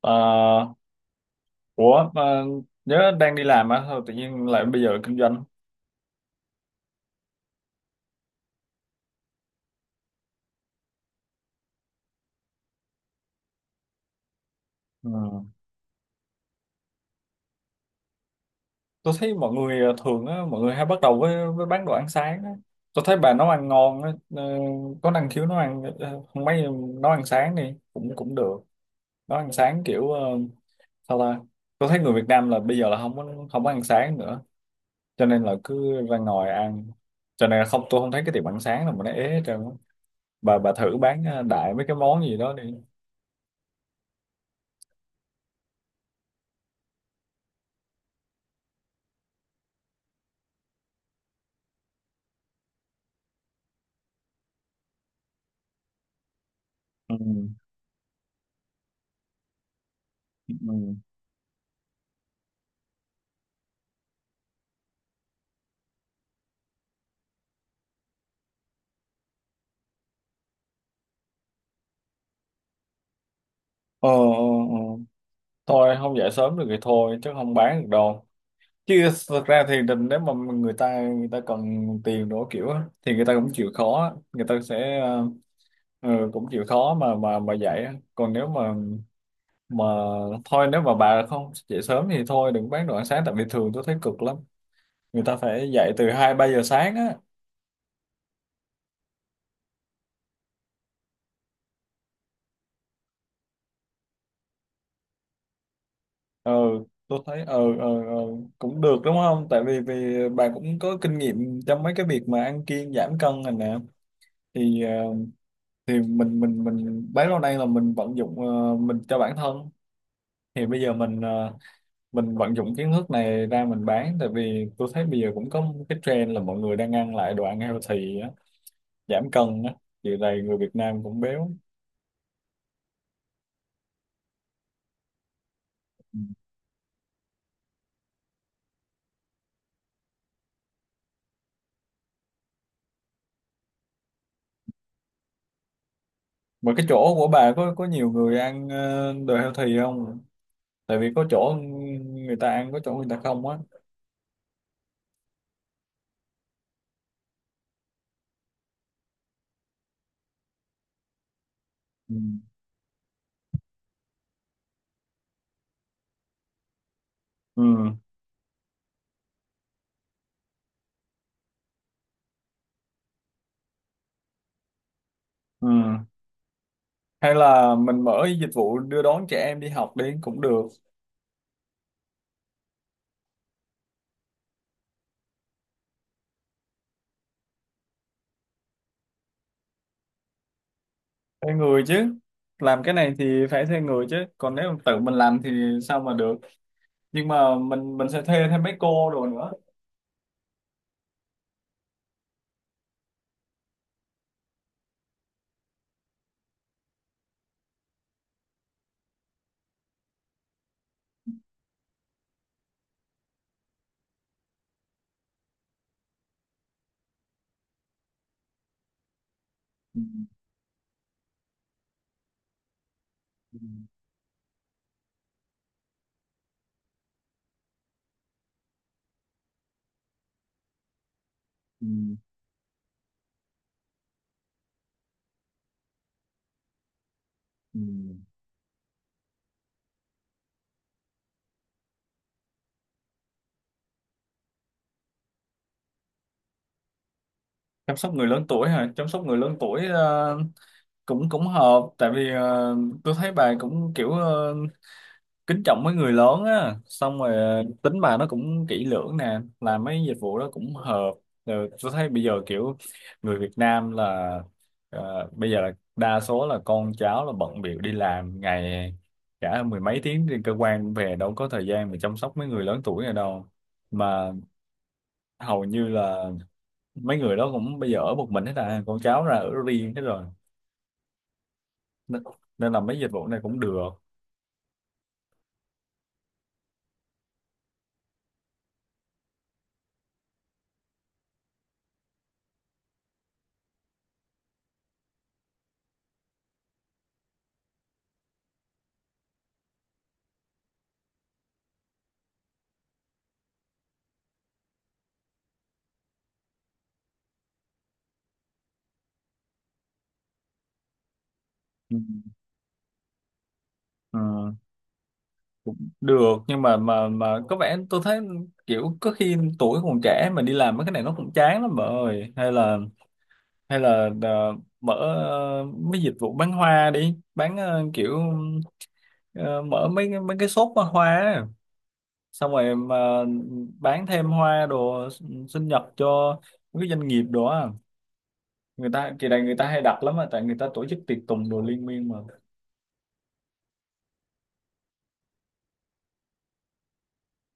Ờ, ủa mà nhớ đang đi làm á sao tự nhiên lại bây giờ kinh doanh. Ừ, tôi thấy mọi người thường á mọi người hay bắt đầu với bán đồ ăn sáng á. Tôi thấy bà nấu ăn ngon á, có năng khiếu nấu ăn, không mấy nấu ăn sáng đi cũng cũng được. Nấu ăn sáng kiểu sao ta, tôi thấy người Việt Nam là bây giờ là không có ăn sáng nữa, cho nên là cứ ra ngoài ăn. Cho nên là không, tôi không thấy cái tiệm ăn sáng nào mà nó ế hết trơn á. Bà thử bán đại mấy cái món gì đó đi. Ừ. Ừ. Ừ. Ờ, ờ, ờ. Thôi không dậy sớm được thì thôi chứ không bán được đâu, chứ thật ra thì định nếu mà người ta cần tiền đổ kiểu á, thì người ta cũng chịu khó á. Người ta sẽ ừ, cũng chịu khó mà mà dậy á. Còn nếu mà thôi, nếu mà bà không dậy sớm thì thôi đừng bán đồ ăn sáng, tại vì thường tôi thấy cực lắm, người ta phải dậy từ hai ba giờ sáng á. Ừ, tôi thấy cũng được đúng không, tại vì vì bà cũng có kinh nghiệm trong mấy cái việc mà ăn kiêng giảm cân này nè, thì thì mình bấy lâu nay là mình vận dụng mình cho bản thân, thì bây giờ mình mình vận dụng kiến thức này ra mình bán. Tại vì tôi thấy bây giờ cũng có một cái trend là mọi người đang ăn lại đồ ăn healthy á, giảm cân á, thì này người Việt Nam cũng béo. Ừ. Mà cái chỗ của bà có nhiều người ăn đồ healthy không? Tại vì có chỗ người ta ăn, có chỗ người ta không á. Ừ. Ừ. Ừ. Hay là mình mở dịch vụ đưa đón trẻ em đi học đi cũng được. Thuê người chứ, làm cái này thì phải thuê người chứ, còn nếu tự mình làm thì sao mà được. Nhưng mà mình sẽ thuê thêm mấy cô đồ nữa. Ừ, ừ, ừ, ừ. Chăm sóc người lớn tuổi hả? Chăm sóc người lớn tuổi, cũng cũng hợp, tại vì tôi thấy bà cũng kiểu kính trọng mấy người lớn á, xong rồi tính bà nó cũng kỹ lưỡng nè, làm mấy dịch vụ đó cũng hợp. Rồi tôi thấy bây giờ kiểu người Việt Nam là bây giờ là đa số là con cháu là bận bịu đi làm ngày cả mười mấy tiếng trên cơ quan, về đâu có thời gian mà chăm sóc mấy người lớn tuổi này đâu, mà hầu như là mấy người đó cũng bây giờ ở một mình hết à, con cháu ra ở riêng hết rồi, nên, nên là mấy dịch vụ này cũng được. Ừ. Ừ. Cũng được, nhưng mà mà có vẻ tôi thấy kiểu có khi tuổi còn trẻ mà đi làm mấy cái này nó cũng chán lắm bà ơi. Hay là hay là mở mấy dịch vụ bán hoa đi, bán kiểu ờ, mở mấy cái shop bán hoa á. Xong rồi mà bán thêm hoa đồ sinh nhật cho mấy cái doanh nghiệp đồ á, người ta kỳ này người ta hay đặt lắm á, tại người ta tổ chức tiệc tùng đồ liên miên mà.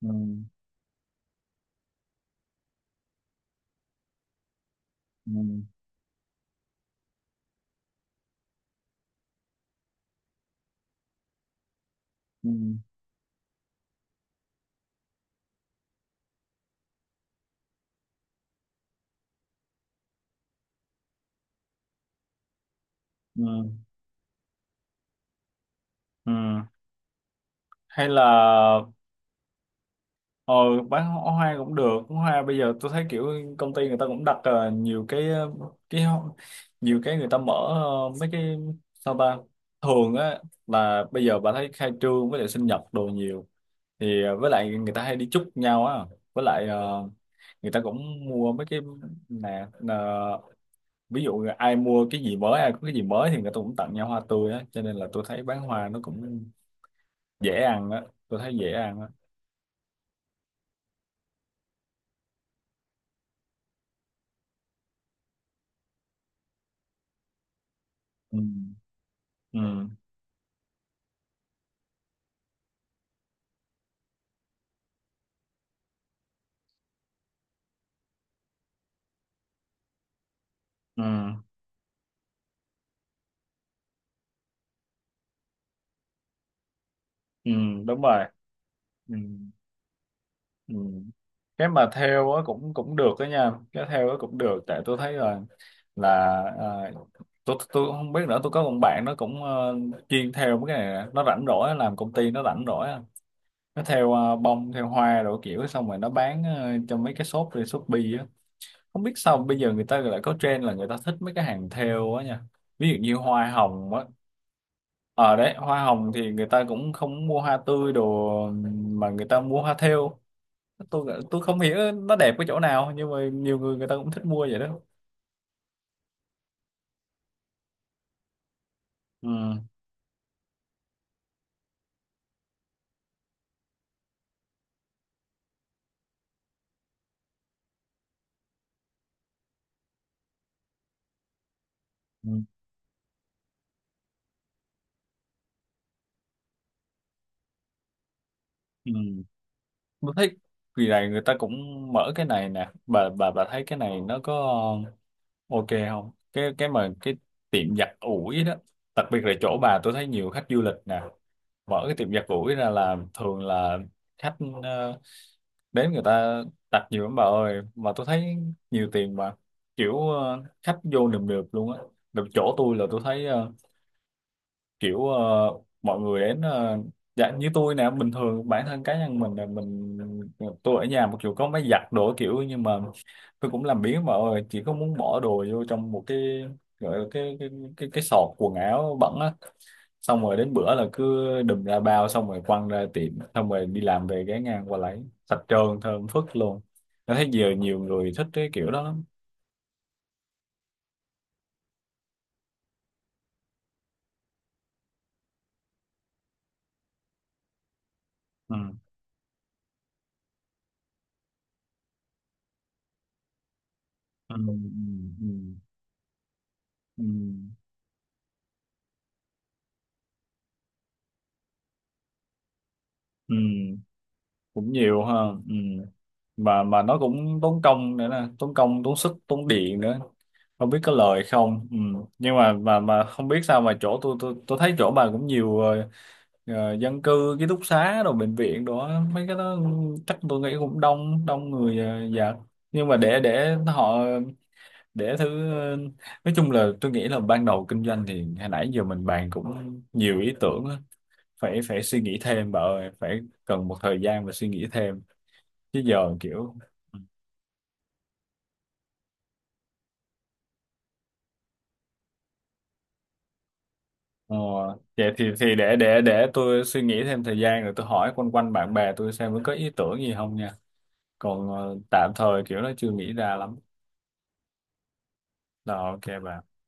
Ừ, ừ, ừ, ừ. Ừ. Hay là ờ bán hoa, hoa cũng được. Hoa bây giờ tôi thấy kiểu công ty người ta cũng đặt nhiều cái, cái ho- nhiều cái người ta mở mấy cái, sao ta, thường á là bây giờ bà thấy khai trương với lại sinh nhật đồ nhiều, thì với lại người ta hay đi chúc nhau á, với lại người ta cũng mua mấy cái nè nè, ví dụ ai mua cái gì mới, ai có cái gì mới thì người ta cũng tặng nhau hoa tươi á, cho nên là tôi thấy bán hoa nó cũng dễ ăn á. Tôi thấy dễ ăn á. Ừ. Ừ. Ừ. Ừ, đúng rồi. Ừ, ừ. Cái mà theo á cũng cũng được đó nha, cái theo á cũng được, tại tôi thấy là là à, tôi cũng không biết nữa, tôi có một bạn nó cũng chuyên theo mấy cái này nè. Nó rảnh rỗi á, làm công ty nó rảnh rỗi á. Nó theo bông theo hoa, rồi kiểu xong rồi nó bán cho mấy cái shop trên Shopee á. Không biết sao bây giờ người ta lại có trend là người ta thích mấy cái hàng theo á nha, ví dụ như hoa hồng á. Ờ đấy, hoa hồng thì người ta cũng không mua hoa tươi đồ, mà người ta mua hoa thêu. Tôi không hiểu nó đẹp cái chỗ nào, nhưng mà nhiều người người ta cũng thích mua vậy đó. Ừ. Ừ. Ừ. Tôi thấy kỳ này người ta cũng mở cái này nè, bà thấy cái này nó có ok không, cái mà cái tiệm giặt ủi đó. Đặc biệt là chỗ bà tôi thấy nhiều khách du lịch nè, mở cái tiệm giặt ủi ra là thường là khách ờ, đến người ta đặt nhiều lắm bà ơi, mà tôi thấy nhiều tiền mà kiểu khách vô nườm nượp luôn á. Được, chỗ tôi là tôi thấy kiểu mọi người đến dạ như tôi nè, bình thường bản thân cá nhân mình là mình, tôi ở nhà một kiểu có máy giặt đồ kiểu, nhưng mà tôi cũng làm biếng mà ơi, chỉ có muốn bỏ đồ vô trong một cái, gọi là cái sọt quần áo bẩn á, xong rồi đến bữa là cứ đùm ra bao, xong rồi quăng ra tiệm, xong rồi đi làm về ghé ngang qua lấy, sạch trơn thơm phức luôn. Tôi thấy giờ nhiều người thích cái kiểu đó lắm. Ừ. Ừ. Ừ. Ừ. Ừ. Ừ. Cũng nhiều ha. Ừ. mà nó cũng tốn công nữa nè, tốn công tốn sức tốn điện nữa, không biết có lời không. Ừ. Nhưng mà mà không biết sao mà chỗ tôi, tôi thấy chỗ bà cũng nhiều dân cư ký túc xá rồi bệnh viện đó mấy cái đó, ừ, chắc tôi nghĩ cũng đông đông người dạ. Nhưng mà để họ để thứ nói chung là tôi nghĩ là ban đầu kinh doanh thì hồi nãy giờ mình bàn cũng nhiều ý tưởng á. Phải phải suy nghĩ thêm bà ơi, phải cần một thời gian và suy nghĩ thêm chứ giờ kiểu ờ, vậy thì để tôi suy nghĩ thêm thời gian rồi tôi hỏi quanh quanh bạn bè tôi xem có ý tưởng gì không nha. Còn tạm thời kiểu nó chưa nghĩ ra lắm. Rồi, ok bạn.